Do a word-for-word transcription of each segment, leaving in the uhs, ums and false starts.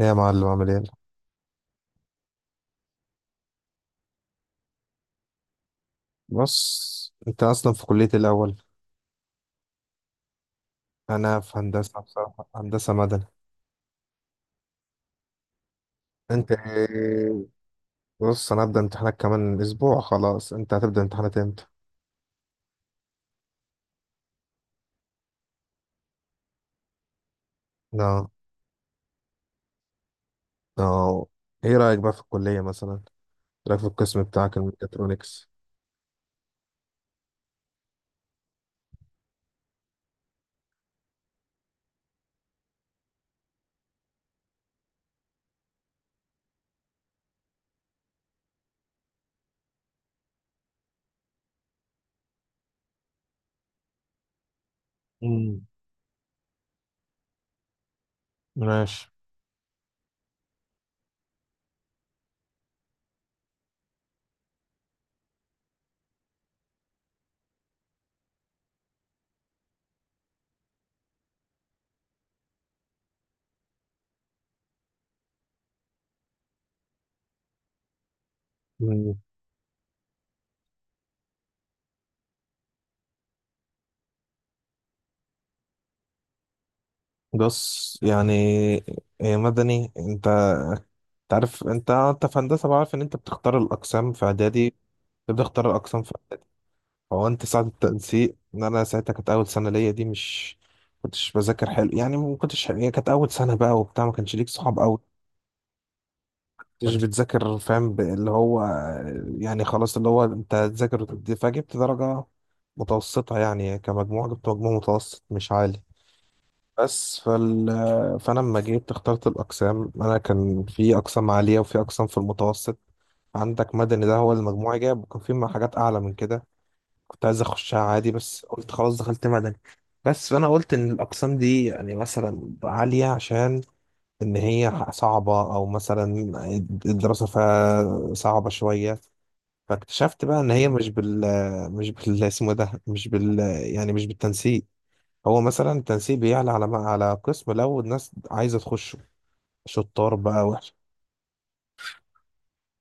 إيه يا معلم، عامل ايه؟ بص، انت اصلا في كلية إيه الاول؟ انا في هندسة، بصراحة هندسة مدني. انت إيه؟ بص، انا هبدأ امتحانات كمان اسبوع، خلاص. انت هتبدأ امتحانات امتى؟ لا، لا. ايه رأيك بقى في الكلية، مثلا إيه رأيك في القسم بتاعك الميكاترونكس؟ امم، ماشي. مم. بص، يعني إيه مدني؟ انت تعرف، انت انت في هندسة، بعرف ان انت بتختار الاقسام في اعدادي، بتختار الاقسام في. هو انت ساعة التنسيق، ان انا ساعتها كانت اول سنة ليا، دي مش كنتش بذاكر حلو، يعني ما كنتش حلو. هي كانت اول سنة بقى وبتاع، ما كانش ليك صحاب قوي، كنتش كنت بتذاكر، فاهم؟ ب- اللي هو يعني خلاص، اللي هو انت تذاكر وتدي، فجبت درجة متوسطة، يعني كمجموع جبت مجموع متوسط مش عالي. بس فال فانا لما جيت اخترت الاقسام، انا كان في اقسام عالية وفي اقسام في المتوسط، عندك مدني ده هو اللي مجموعي جاب، وكان في حاجات اعلى من كده، كنت عايز اخشها عادي، بس قلت خلاص دخلت مدني. بس فانا قلت ان الاقسام دي يعني مثلا عاليه عشان ان هي صعبه، او مثلا الدراسه فيها صعبه شويه. فاكتشفت بقى ان هي مش بال مش بال اسمه إيه ده، مش بال، يعني مش بالتنسيق. هو مثلا التنسيق بيعلى على على قسم، لو الناس عايزه تخشه شطار بقى، وحش.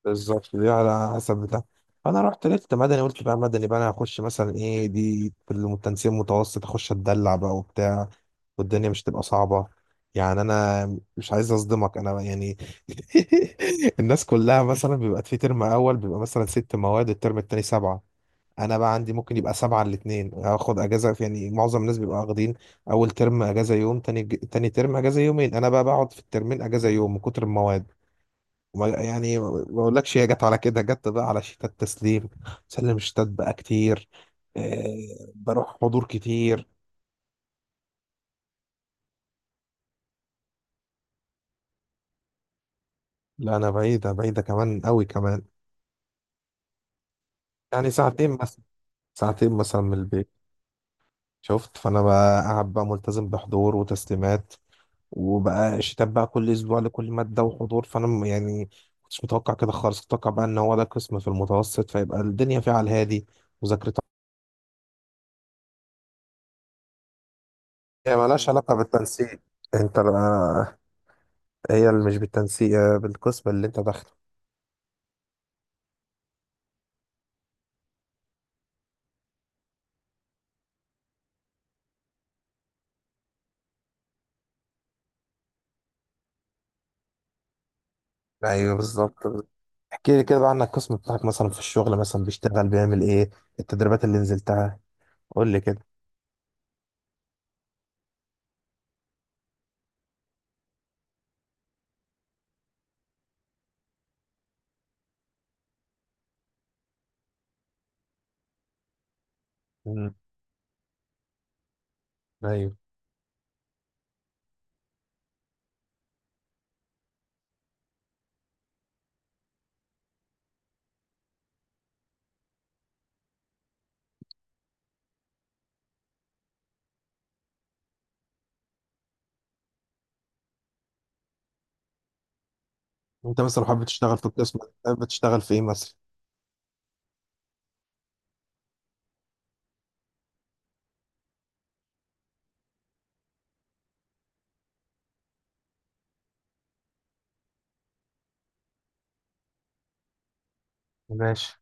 بالظبط، دي على حسب بتاع. انا رحت لقيت مدني، قلت بقى مدني بقى انا هخش، مثلا ايه دي في التنسيق المتوسط، اخش اتدلع بقى وبتاع، والدنيا مش تبقى صعبة. يعني انا مش عايز اصدمك، انا يعني الناس كلها مثلا بيبقى في ترم اول بيبقى مثلا ست مواد، الترم التاني سبعة، انا بقى عندي ممكن يبقى سبعة الاتنين، هاخد اجازة في- يعني معظم الناس بيبقى واخدين اول ترم اجازة يوم، تاني تاني ترم اجازة يومين، انا بقى بقعد في الترمين اجازة يوم من كتر المواد. وما- يعني ما بقولكش، هي جت على كده، جت بقى على شتات تسليم، سلم شتات بقى كتير، إيه بروح حضور كتير. لا، انا بعيدة، بعيدة كمان قوي كمان. يعني ساعتين مثلا، ساعتين مثلا من البيت. شفت، فانا بقى قاعد بقى ملتزم بحضور وتسليمات، وبقى شتات بقى كل اسبوع لكل مادة وحضور، فانا م- يعني كنتش متوقع كده خالص، كنت متوقع بقى ان هو ده قسم في المتوسط، فيبقى الدنيا فيها على الهادي مذاكرتها. هي مالهاش علاقة بالتنسيق، انت. هي اللي مش بالتنسيق، آه، بالقسم اللي انت داخله. ايوه بالظبط. احكي لي كده بقى عن القسم بتاعك، مثلا في الشغل مثلا بيشتغل بيعمل ايه، التدريبات اللي نزلتها، قول لي كده. مم. ايوه. انت مثلا حابب تشتغل في القسم، حابب تشتغل في ايه مثلا؟ ماشي.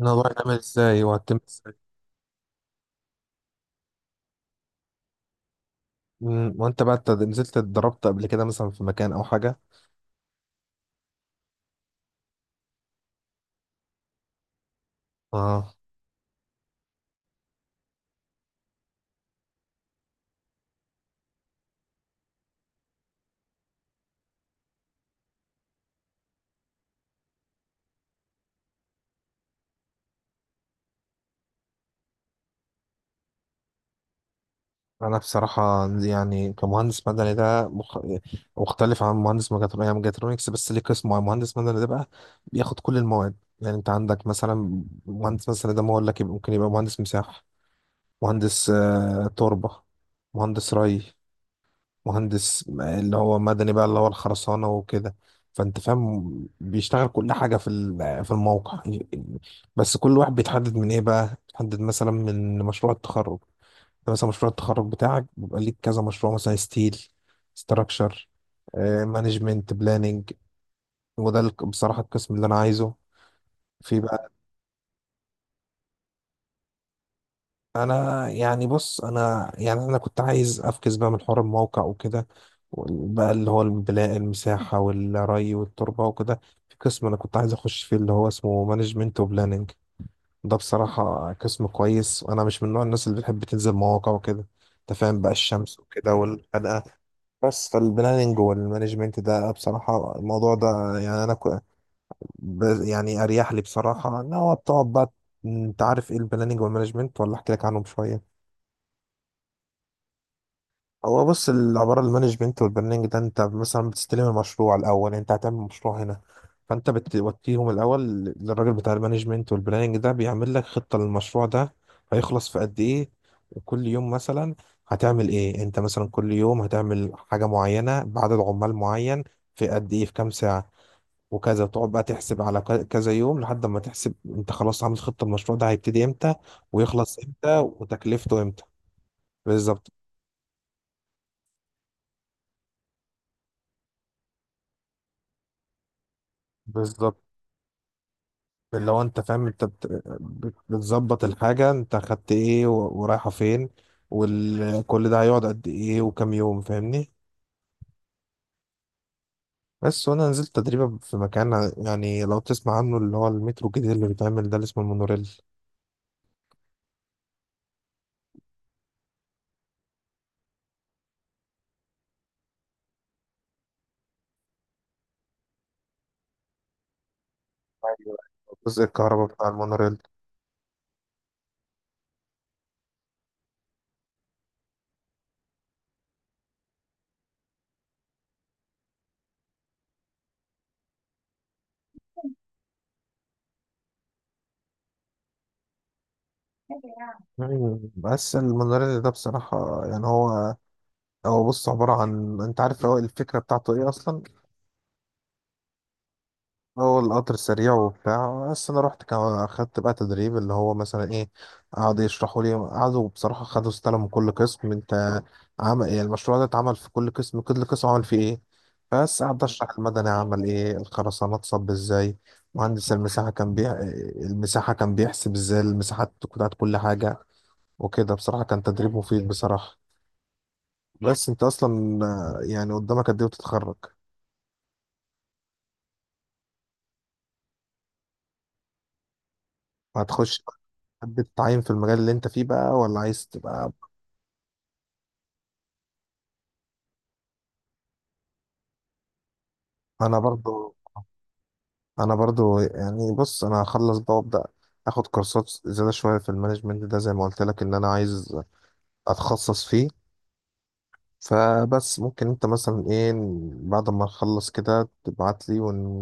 الموضوع يتعمل ازاي وهتتم ازاي؟ مم، وانت بقى اتد- نزلت اتدربت قبل كده مثلا في مكان او حاجه؟ اه. انا بصراحه يعني كمهندس مدني ده مخ... مختلف عن مهندس ميكاترونكس. يعني ميكاترونكس بس ليه قسم معين. مهندس مدني ده بقى بياخد كل المواد، يعني انت عندك مثلا مهندس مثلا ده، ما اقول لك يبقى- ممكن يبقى مهندس مساحه، مهندس آه، تربه، مهندس ري، مهندس اللي هو مدني بقى اللي هو الخرسانه وكده. فانت فاهم بيشتغل كل حاجه في ال- في الموقع يعني. بس كل واحد بيتحدد من ايه بقى، بيتحدد مثلا من مشروع التخرج. انت مثلا مشروع التخرج بتاعك بيبقى ليك كذا مشروع، مثلا ستيل ستراكشر، مانجمنت بلاننج. وده الق- بصراحة القسم اللي انا عايزه في بقى. انا يعني بص، انا يعني انا كنت عايز افكس بقى من حوار الموقع وكده، وال- بقى اللي هو البناء، المساحة والري والتربة وكده. في قسم انا كنت عايز اخش فيه اللي هو اسمه مانجمنت وبلاننج. ده بصراحة قسم كويس، وانا مش من نوع الناس اللي بتحب تنزل مواقع وكده، انت فاهم بقى، الشمس وكده والحدقة. بس فالبلاننج والمانجمنت ده، بصراحة الموضوع ده، يعني أنا كو- ب- يعني أريح لي بصراحة إن هو بتقعد بقى. أنت عارف إيه البلاننج والمانجمنت ولا أحكي لك عنهم شوية؟ هو بص، العبارة المانجمنت والبرنامج ده، انت مثلا بتستلم المشروع الأول، انت هتعمل مشروع هنا، فانت بتوديهم الأول للراجل بتاع المانجمنت، والبرنامج ده بيعمل لك خطة للمشروع ده، هيخلص في قد ايه، وكل يوم مثلا هتعمل ايه، انت مثلا كل يوم هتعمل حاجة معينة بعدد عمال معين، في قد ايه، في كام ساعة، وكذا تقعد بقى تحسب على ك- كذا يوم، لحد ما تحسب انت خلاص عامل خطة المشروع ده، هيبتدي امتى ويخلص امتى وتكلفته امتى. بالظبط، بالظبط. اللي هو انت فاهم، انت بت- بت- بتظبط الحاجة، انت خدت ايه و- ورايحة فين، وكل ده هيقعد قد ايه وكام يوم، فاهمني؟ بس وانا نزلت تدريبة في مكان، يعني لو تسمع عنه، اللي هو المترو الجديد اللي بيتعمل ده، اللي اسمه المونوريل. أيوة. جزء الكهرباء بتاع المونوريل. مم. بس المونوريل ده بصراحة، يعني هو هو بص، عبارة عن، انت عارف هو الفكرة بتاعته ايه اصلا، هو القطر سريع وبتاع. بس انا رحت كمان، اخدت بقى تدريب، اللي هو مثلا ايه، قعدوا يشرحوا لي، قعدوا بصراحه، خدوا استلموا من كل قسم، انت عمل ايه المشروع ده، اتعمل في كل قسم، كل قسم عمل فيه ايه. بس قعدت اشرح، المدني عمل ايه، الخرسانات صب ازاي، مهندس المساحه كان بيح... المساحه كان بيحسب ازاي المساحات بتاعت كل حاجه وكده. بصراحه كان تدريب مفيد بصراحه. بس انت اصلا، آه، يعني قدامك قد ايه وتتخرج، هتخش حد تتعين في المجال اللي انت فيه بقى، ولا عايز تبقى؟ انا برضو انا برضو يعني بص، انا هخلص بقى وابدا اخد كورسات زياده شويه في المانجمنت ده، زي ما قلت لك، ان انا عايز اتخصص فيه. فبس ممكن انت مثلا ايه، بعد ما نخلص كده تبعت لي ون...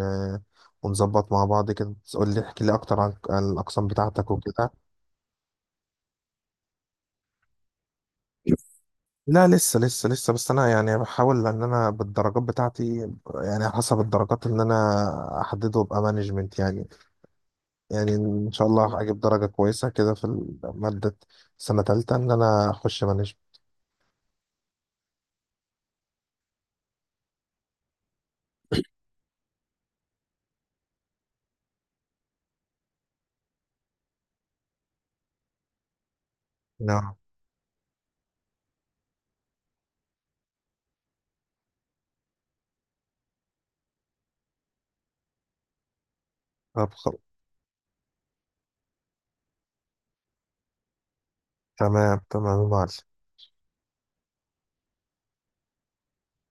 ونظبط مع بعض كده، تقول لي، احكي لي اكتر عن عن الاقسام بتاعتك وكده. لا، لسه لسه لسه، بس انا يعني بحاول ان انا بالدرجات بتاعتي، يعني حسب الدرجات ان انا احدده ابقى مانجمنت، يعني يعني ان شاء الله هجيب درجه كويسه كده في ماده سنه تالتة ان انا اخش مانجمنت. نعم. طب خل- تمام، تمام يا معلم.